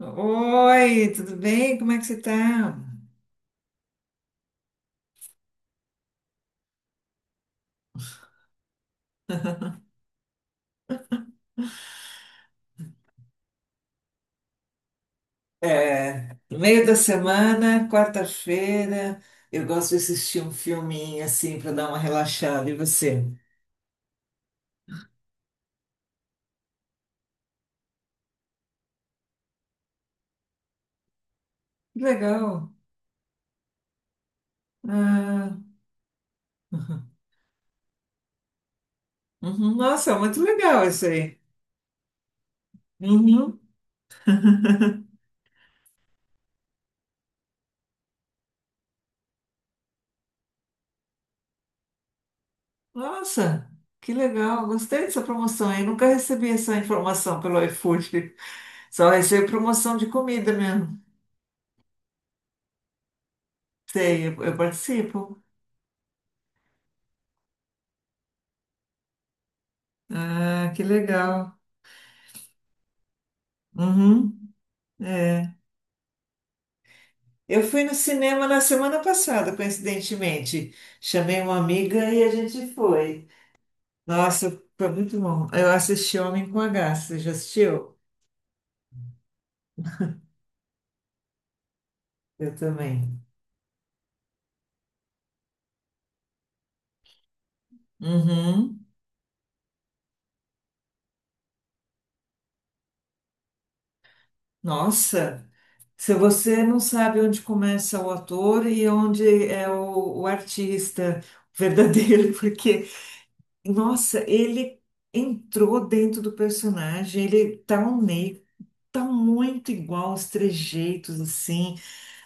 Oi, tudo bem? Como é que você está? É, no meio da semana, quarta-feira, eu gosto de assistir um filminho assim para dar uma relaxada. E você? Que legal. Ah, uhum. Uhum. Nossa, muito legal isso aí. Uhum. Nossa, que legal. Gostei dessa promoção aí. Nunca recebi essa informação pelo iFood. Só recebo promoção de comida mesmo. Sei, eu participo. Ah, que legal. Uhum. É. Eu fui no cinema na semana passada, coincidentemente. Chamei uma amiga e a gente foi. Nossa, foi muito bom. Eu assisti Homem com H. Você já assistiu? Eu também. Uhum. Nossa, se você não sabe onde começa o ator e onde é o artista verdadeiro, porque, nossa, ele entrou dentro do personagem, ele tá um meio, tá muito igual os trejeitos, assim.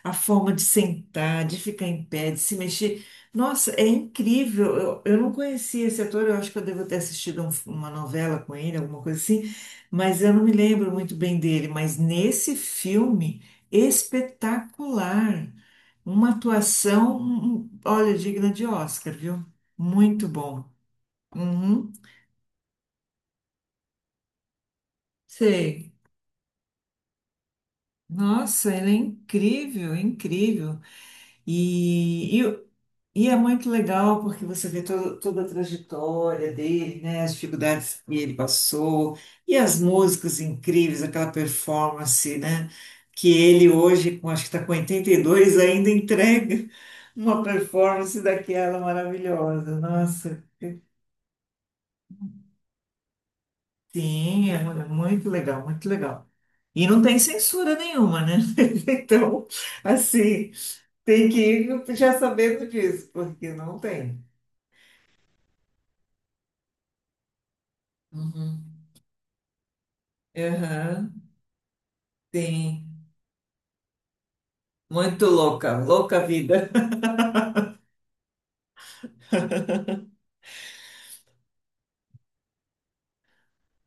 A forma de sentar, de ficar em pé, de se mexer. Nossa, é incrível. Eu não conhecia esse ator, eu acho que eu devo ter assistido uma novela com ele, alguma coisa assim, mas eu não me lembro muito bem dele. Mas nesse filme, espetacular. Uma atuação, olha, digna de Oscar, viu? Muito bom. Uhum, sei. Nossa, ele é incrível, incrível. e E é muito legal porque você vê toda a trajetória dele, né? As dificuldades que ele passou e as músicas incríveis, aquela performance, né? Que ele hoje, com, acho que está com 82, ainda entrega uma performance daquela maravilhosa. Nossa, sim, é é muito legal, muito legal. E não tem censura nenhuma, né? Então, assim, tem que ir já sabendo disso, porque não tem. Uhum. Aham, tem. Muito louca, louca a vida.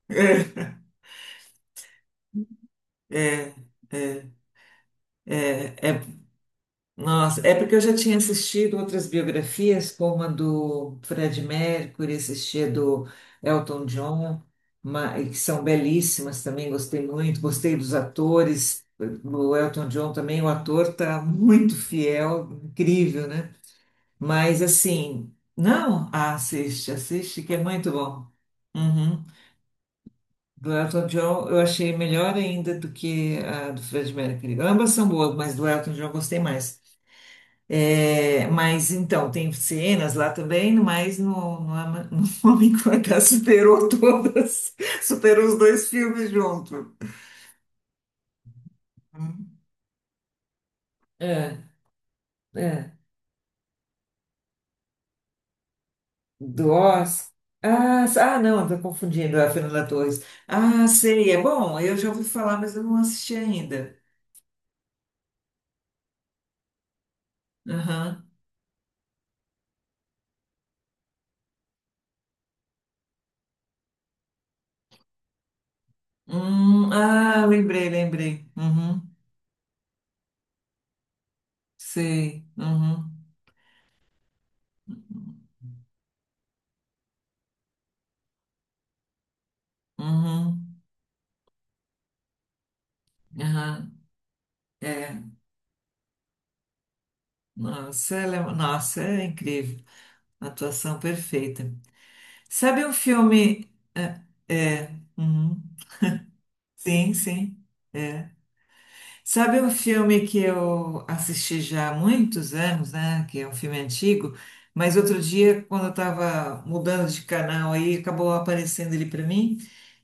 É, é, é, é, nossa, é porque eu já tinha assistido outras biografias, como a do Fred Mercury, assisti a do Elton John, e que são belíssimas também, gostei muito, gostei dos atores. O Elton John também, o ator tá muito fiel, incrível, né? Mas assim, não, assiste, assiste, que é muito bom. Uhum. Do Elton John eu achei melhor ainda do que a do Fred Mercury. Ambas são boas, mas do Elton John eu gostei mais. É, mas então, tem cenas lá também, mas no Homem que Mordeu superou todas, superou os dois filmes junto. Hum. É, é. Do Oz. Ah, ah, não, estou confundindo é a Fernanda Torres. Ah, sei, é bom, eu já ouvi falar, mas eu não assisti ainda. Aham. Ah, lembrei, lembrei. Uhum. Sei. Uhum. Uhum. Aham. É. Nossa, ela é, nossa, é incrível. Atuação perfeita. Sabe um filme. É, é, uhum. Sim, sim. É. Sabe um filme que eu assisti já há muitos anos, né? Que é um filme antigo, mas outro dia, quando eu estava mudando de canal aí, acabou aparecendo ele para mim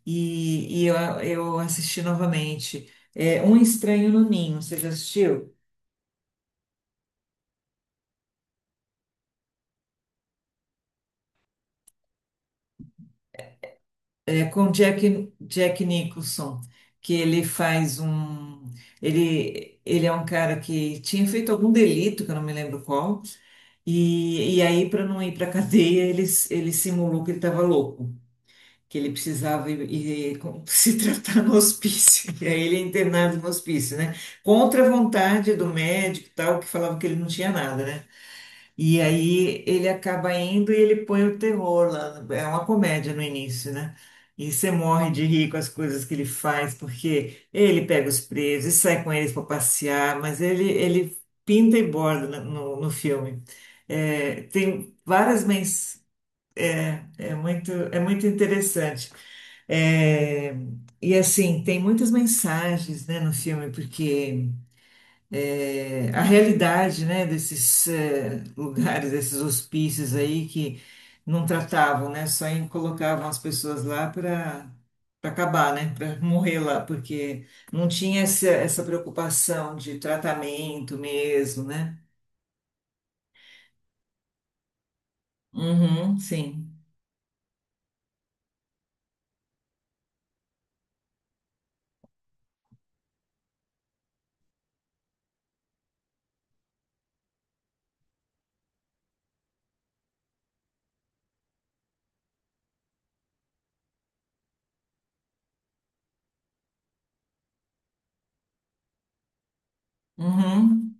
e, e eu assisti novamente. É Um Estranho no Ninho, você já assistiu? É com Jack Nicholson, que ele faz um. Ele é um cara que tinha feito algum delito, que eu não me lembro qual, e aí, para não ir para cadeia, ele simulou que ele estava louco, que ele precisava ir, se tratar no hospício, e aí ele é internado no hospício, né? Contra a vontade do médico e tal, que falava que ele não tinha nada, né? E aí ele acaba indo e ele põe o terror lá. É uma comédia no início, né? E você morre de rir com as coisas que ele faz, porque ele pega os presos e sai com eles para passear, mas ele pinta e borda no filme. É, tem várias mens... É, é muito interessante. É, e assim, tem muitas mensagens, né, no filme, porque a realidade, né, desses lugares, desses hospícios aí que não tratavam, né, colocavam as pessoas lá para acabar, né, para morrer lá, porque não tinha essa, essa preocupação de tratamento mesmo, né? Uhum, sim. Uhum,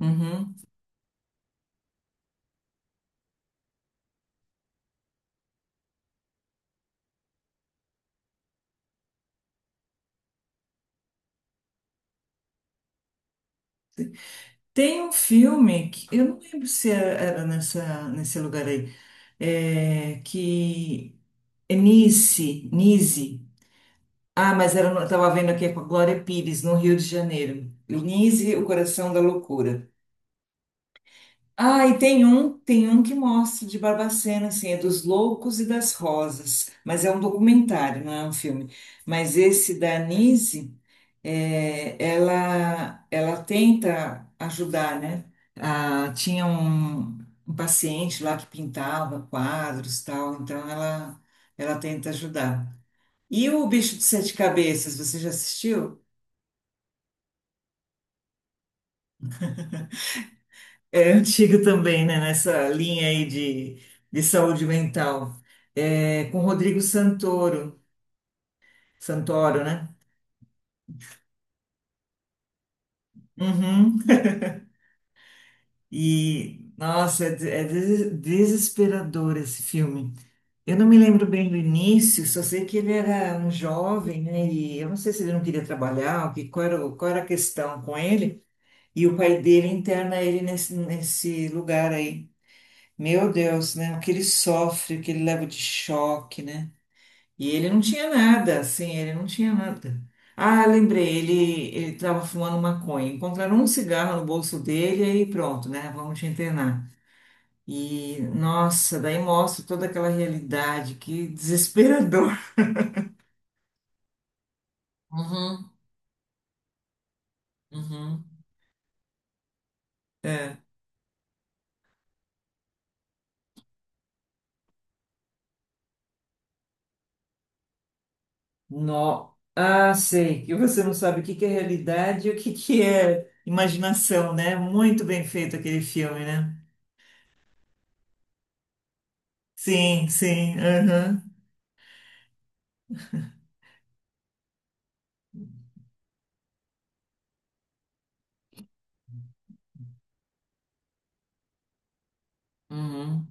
uhum. Tem um filme que eu não lembro se era nessa nesse lugar aí, é, que é Nice, Nice. Ah, mas era, eu tava vendo aqui é com a Glória Pires, no Rio de Janeiro. Nise, o coração da loucura. Ah, e tem um que mostra de Barbacena, assim, é dos Loucos e das Rosas, mas é um documentário, não é um filme. Mas esse da Nise, é, ela tenta ajudar, né? Ah, tinha um, um paciente lá que pintava quadros, e tal, então ela tenta ajudar. E o Bicho de Sete Cabeças, você já assistiu? É antigo também, né? Nessa linha aí de saúde mental. É, com Santoro, né? Uhum. E, nossa, é, desesperador esse filme. Eu não me lembro bem do início, só sei que ele era um jovem, né? E eu não sei se ele não queria trabalhar, o que, qual era, qual era a questão com ele. E o pai dele interna ele nesse lugar aí. Meu Deus, né? O que ele sofre, o que ele leva de choque, né? E ele não tinha nada, assim, ele não tinha nada. Ah, lembrei, ele estava fumando maconha. Encontraram um cigarro no bolso dele e pronto, né? Vamos te internar. E, nossa, daí mostra toda aquela realidade, que desesperador. Uhum, uhum. No... Ah, sei, que você não sabe o que que é realidade e o que que é imaginação, né? Muito bem feito aquele filme, né? Sim, sim, aham. Uhum.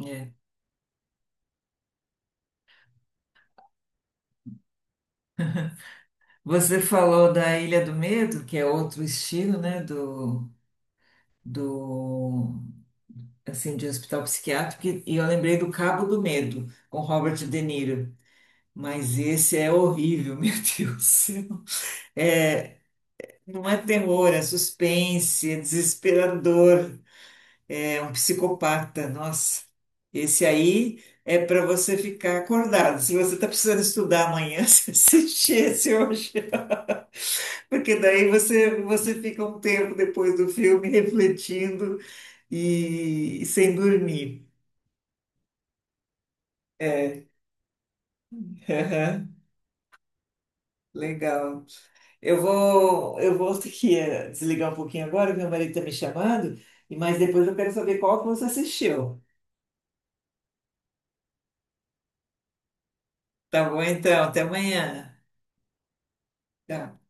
É. Você falou da Ilha do Medo, que é outro estilo, né, do, do assim de hospital psiquiátrico, e eu lembrei do Cabo do Medo, com Robert De Niro. Mas esse é horrível, meu Deus do céu. É, não é terror, é suspense, é desesperador, é um psicopata. Nossa, esse aí é para você ficar acordado. Se você está precisando estudar amanhã, você assiste esse hoje. Porque daí você fica um tempo depois do filme refletindo e sem dormir. É, legal. Eu vou ter que desligar um pouquinho agora, que meu marido está me chamando, e mas depois eu quero saber qual que você assistiu. Tá bom, então, até amanhã. Tchau.